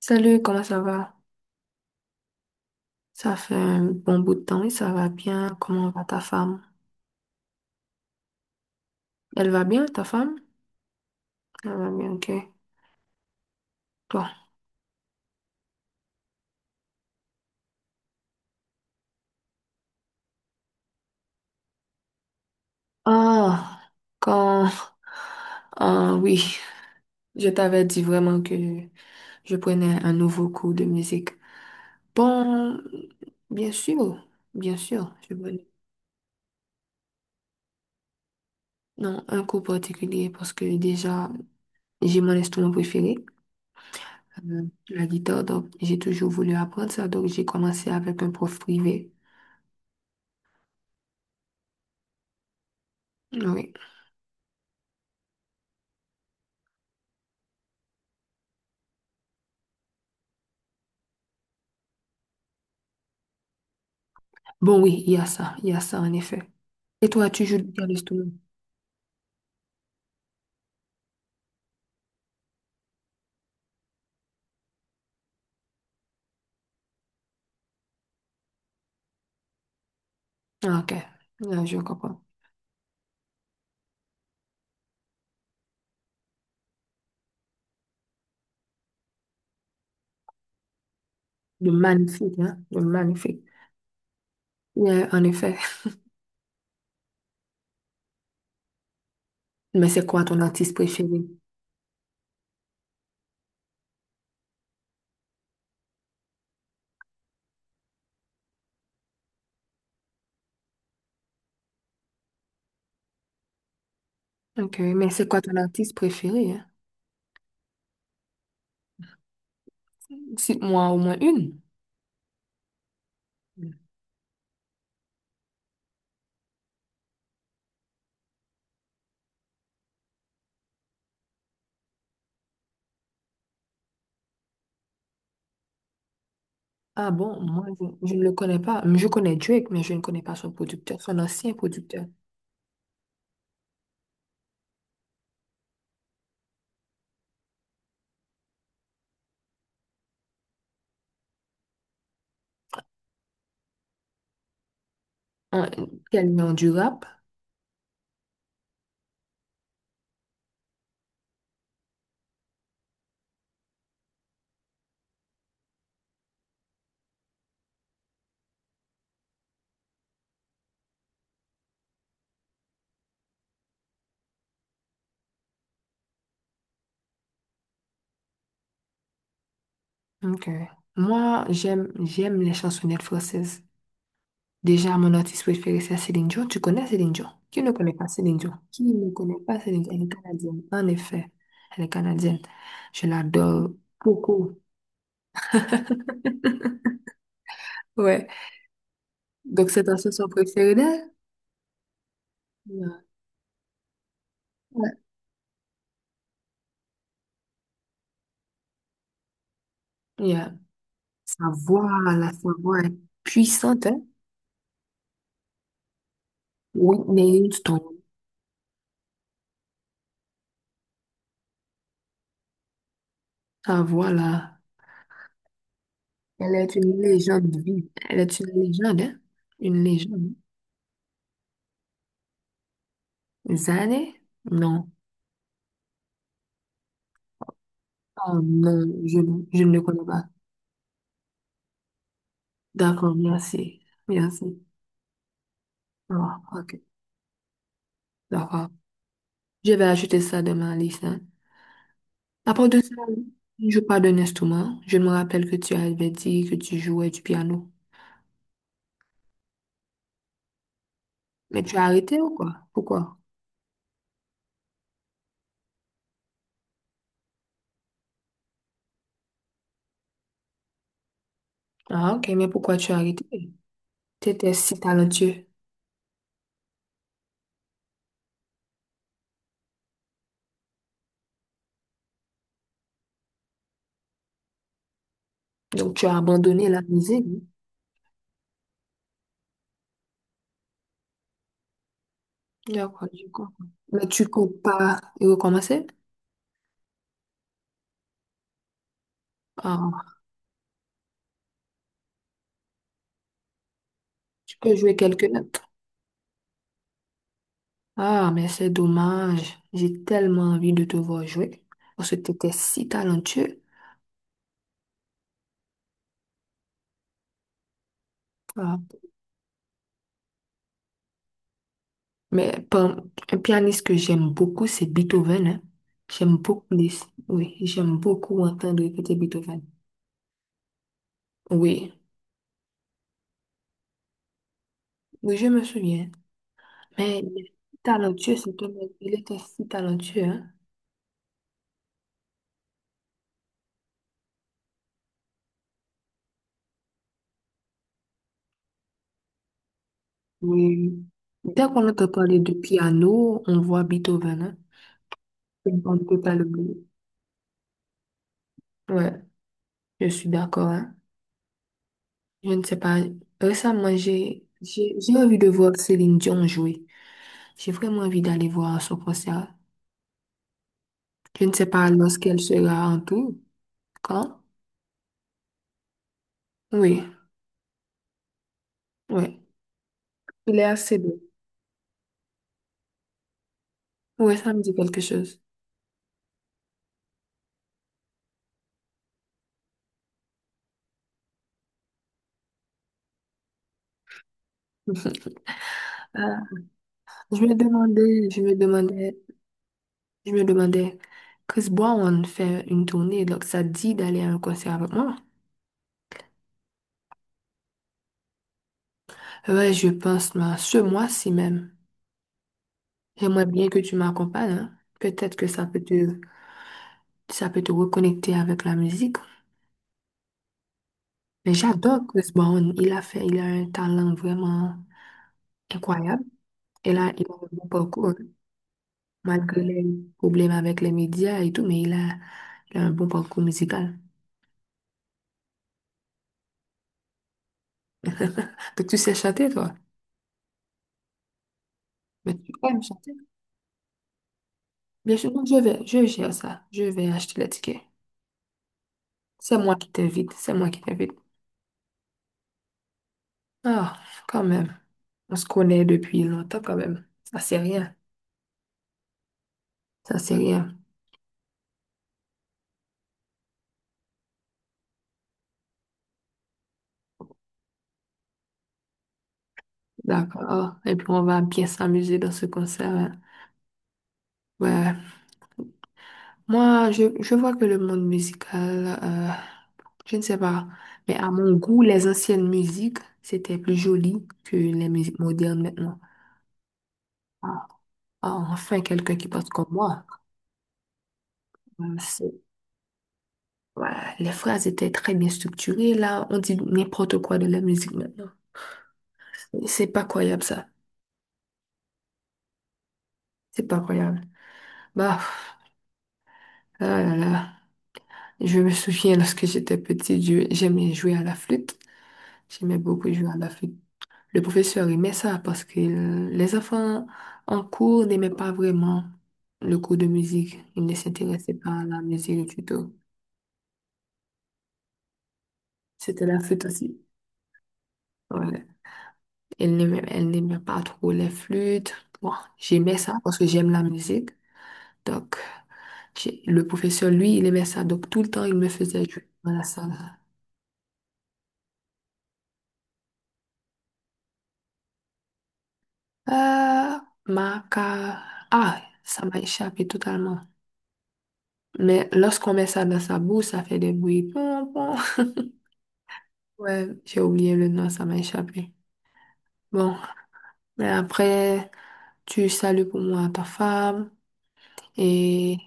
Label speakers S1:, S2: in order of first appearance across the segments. S1: Salut, comment ça va? Ça fait un bon bout de temps et ça va bien. Comment va ta femme? Elle va bien, ta femme? Elle va bien, ok. Toi? Ah, quand... Ah oui, je t'avais dit vraiment que je prenais un nouveau cours de musique. Bon, bien sûr, bien sûr, Non, un cours particulier parce que déjà, j'ai mon instrument préféré, euh, la guitare, donc j'ai toujours voulu apprendre ça, donc j'ai commencé avec un prof privé. Oui. Bon, oui, il y a ça en effet. Et toi, tu joues du piano? Ah, ok, là, je comprends. De magnifique, hein? De magnifique. Ouais, en effet. Mais c'est quoi ton artiste préféré? Ok, mais c'est quoi ton artiste préféré, hein? Cite-moi au moins une. Ah bon, moi, je ne le connais pas. Je connais Drake, mais je ne connais pas son producteur, son ancien producteur. Un- Quel nom du rap? Ok. Moi, j'aime les chansonnettes françaises. Déjà, mon artiste préféré, c'est Céline Dion. Tu connais Céline Dion? Qui ne connaît pas Céline Dion? Qui ne connaît pas Céline Dion? Elle est canadienne. En effet, elle est canadienne. Je l'adore beaucoup. Ouais. Donc, c'est ton chanson préférée d'elle? Ouais. Ouais. Yeah. Sa voix, la sa voix est puissante, hein? Whitney Houston. Sa voix, là, elle est une légende vive. Elle est une légende, hein? Une légende. Zané? Non. Oh non, je ne le connais pas. D'accord, merci. Merci. Ah, ok, d'accord. Je vais ajouter ça dans ma liste, hein. À part de ça, si je ne joue pas d'un instrument. Je me rappelle que tu avais dit que tu jouais du piano. Mais tu as arrêté ou quoi? Pourquoi? Ah, ok, mais pourquoi tu as arrêté? Tu étais si talentueux. Donc, tu as abandonné la musique. D'accord, je comprends. Mais tu comptes pas y recommencer? Ah, tu peux jouer quelques notes. Ah, mais c'est dommage. J'ai tellement envie de te voir jouer. Parce que tu étais si talentueux. Ah. Mais par- un pianiste que j'aime beaucoup, c'est Beethoven, hein. J'aime beaucoup les... Oui, j'aime beaucoup entendre écouter Beethoven. Oui, oui, je me souviens. Mais il est si talentueux, cet homme. Il était si talentueux, hein. Oui. Dès qu'on entend parler de piano, on voit Beethoven, hein. On ne peut pas l'oublier. Ouais, je suis d'accord, hein. Je ne sais pas. Récemment, j'ai envie de voir Céline Dion jouer. J'ai vraiment envie d'aller voir son concert. Je ne sais pas lorsqu'elle sera en tout. Quand? Oui, oui. Il est assez beau. Oui, ça me dit quelque chose. Euh, je me demandais, je me demandais, je me demandais, Chris Brown fait une tournée, donc ça te dit d'aller à un concert avec moi? Ouais, je pense, mais ce mois-ci même. J'aimerais bien que tu m'accompagnes, hein. Peut-être que ça peut te reconnecter avec la musique. Mais j'adore Chris Brown. Il a un talent vraiment incroyable. Et là, il a un bon parcours, malgré les problèmes avec les médias et tout, il a un bon parcours musical. Donc, tu sais chanter, toi? Mais tu aimes chanter? Bien sûr, non, je gère ça. Je vais acheter les tickets. C'est moi qui t'invite, c'est moi qui t'invite. Ah, quand même. On se connaît depuis longtemps, quand même. Ça, c'est rien. Ça, c'est rien. D'accord. Et puis, on va bien s'amuser dans ce concert, hein. Ouais. Moi, je vois que le monde musical, je ne sais pas, mais à mon goût, les anciennes musiques, c'était plus joli que les musiques modernes maintenant. Ah, ah, enfin, quelqu'un qui pense comme moi. Euh, c'est- voilà, les phrases étaient très bien structurées, là, on dit n'importe quoi de la musique maintenant. C'est pas croyable, ça. C'est pas croyable. Bah, là, là, là. Je me souviens lorsque j'étais petite, j'aimais jouer à la flûte. J'aimais beaucoup jouer à la flûte. Le professeur aimait ça parce que les enfants en cours n'aimaient pas vraiment le cours de musique. Ils ne s'intéressaient pas à la musique du tout. C'était la flûte aussi. Ouais. Elle n'aimait pas trop les flûtes. Bon, j'aimais ça parce que j'aime la musique. Donc, le professeur, lui, il aimait ça. Donc, tout le temps, il me faisait jouer dans la salle. Euh, ma ca- Ah, ça m'a échappé totalement. Mais lorsqu'on met ça dans sa bouche, ça fait des bruits. Ouais, j'ai oublié le nom, ça m'a échappé. Bon, mais après, tu salues pour moi ta femme et...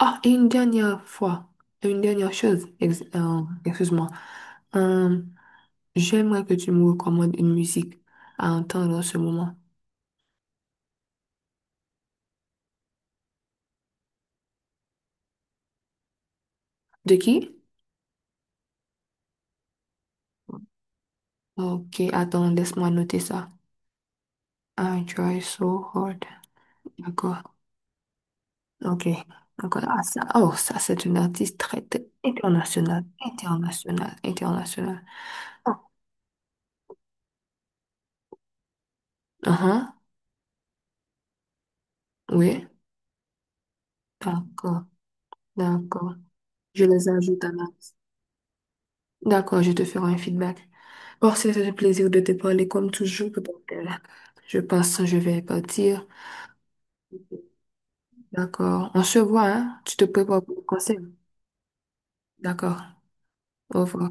S1: Ah, et une dernière fois, une dernière chose, excuse-moi. Euh, j'aimerais que tu me recommandes une musique à entendre en ce moment. De qui? Ok, attends, laisse-moi noter ça. I try so hard. D'accord. Ok. D'accord. Ah, ça, oh, ça, c'est une artiste très, très internationale. Internationale. Internationale. Oh. Uh-huh. Oui, d'accord, d'accord. Je les ajoute à la liste. D'accord, je te ferai un feedback. Bon, c'était un plaisir de te parler comme toujours. Donc, je pense que je vais partir. D'accord. On se voit, hein? Tu te prépares pour le conseil. D'accord. Au revoir.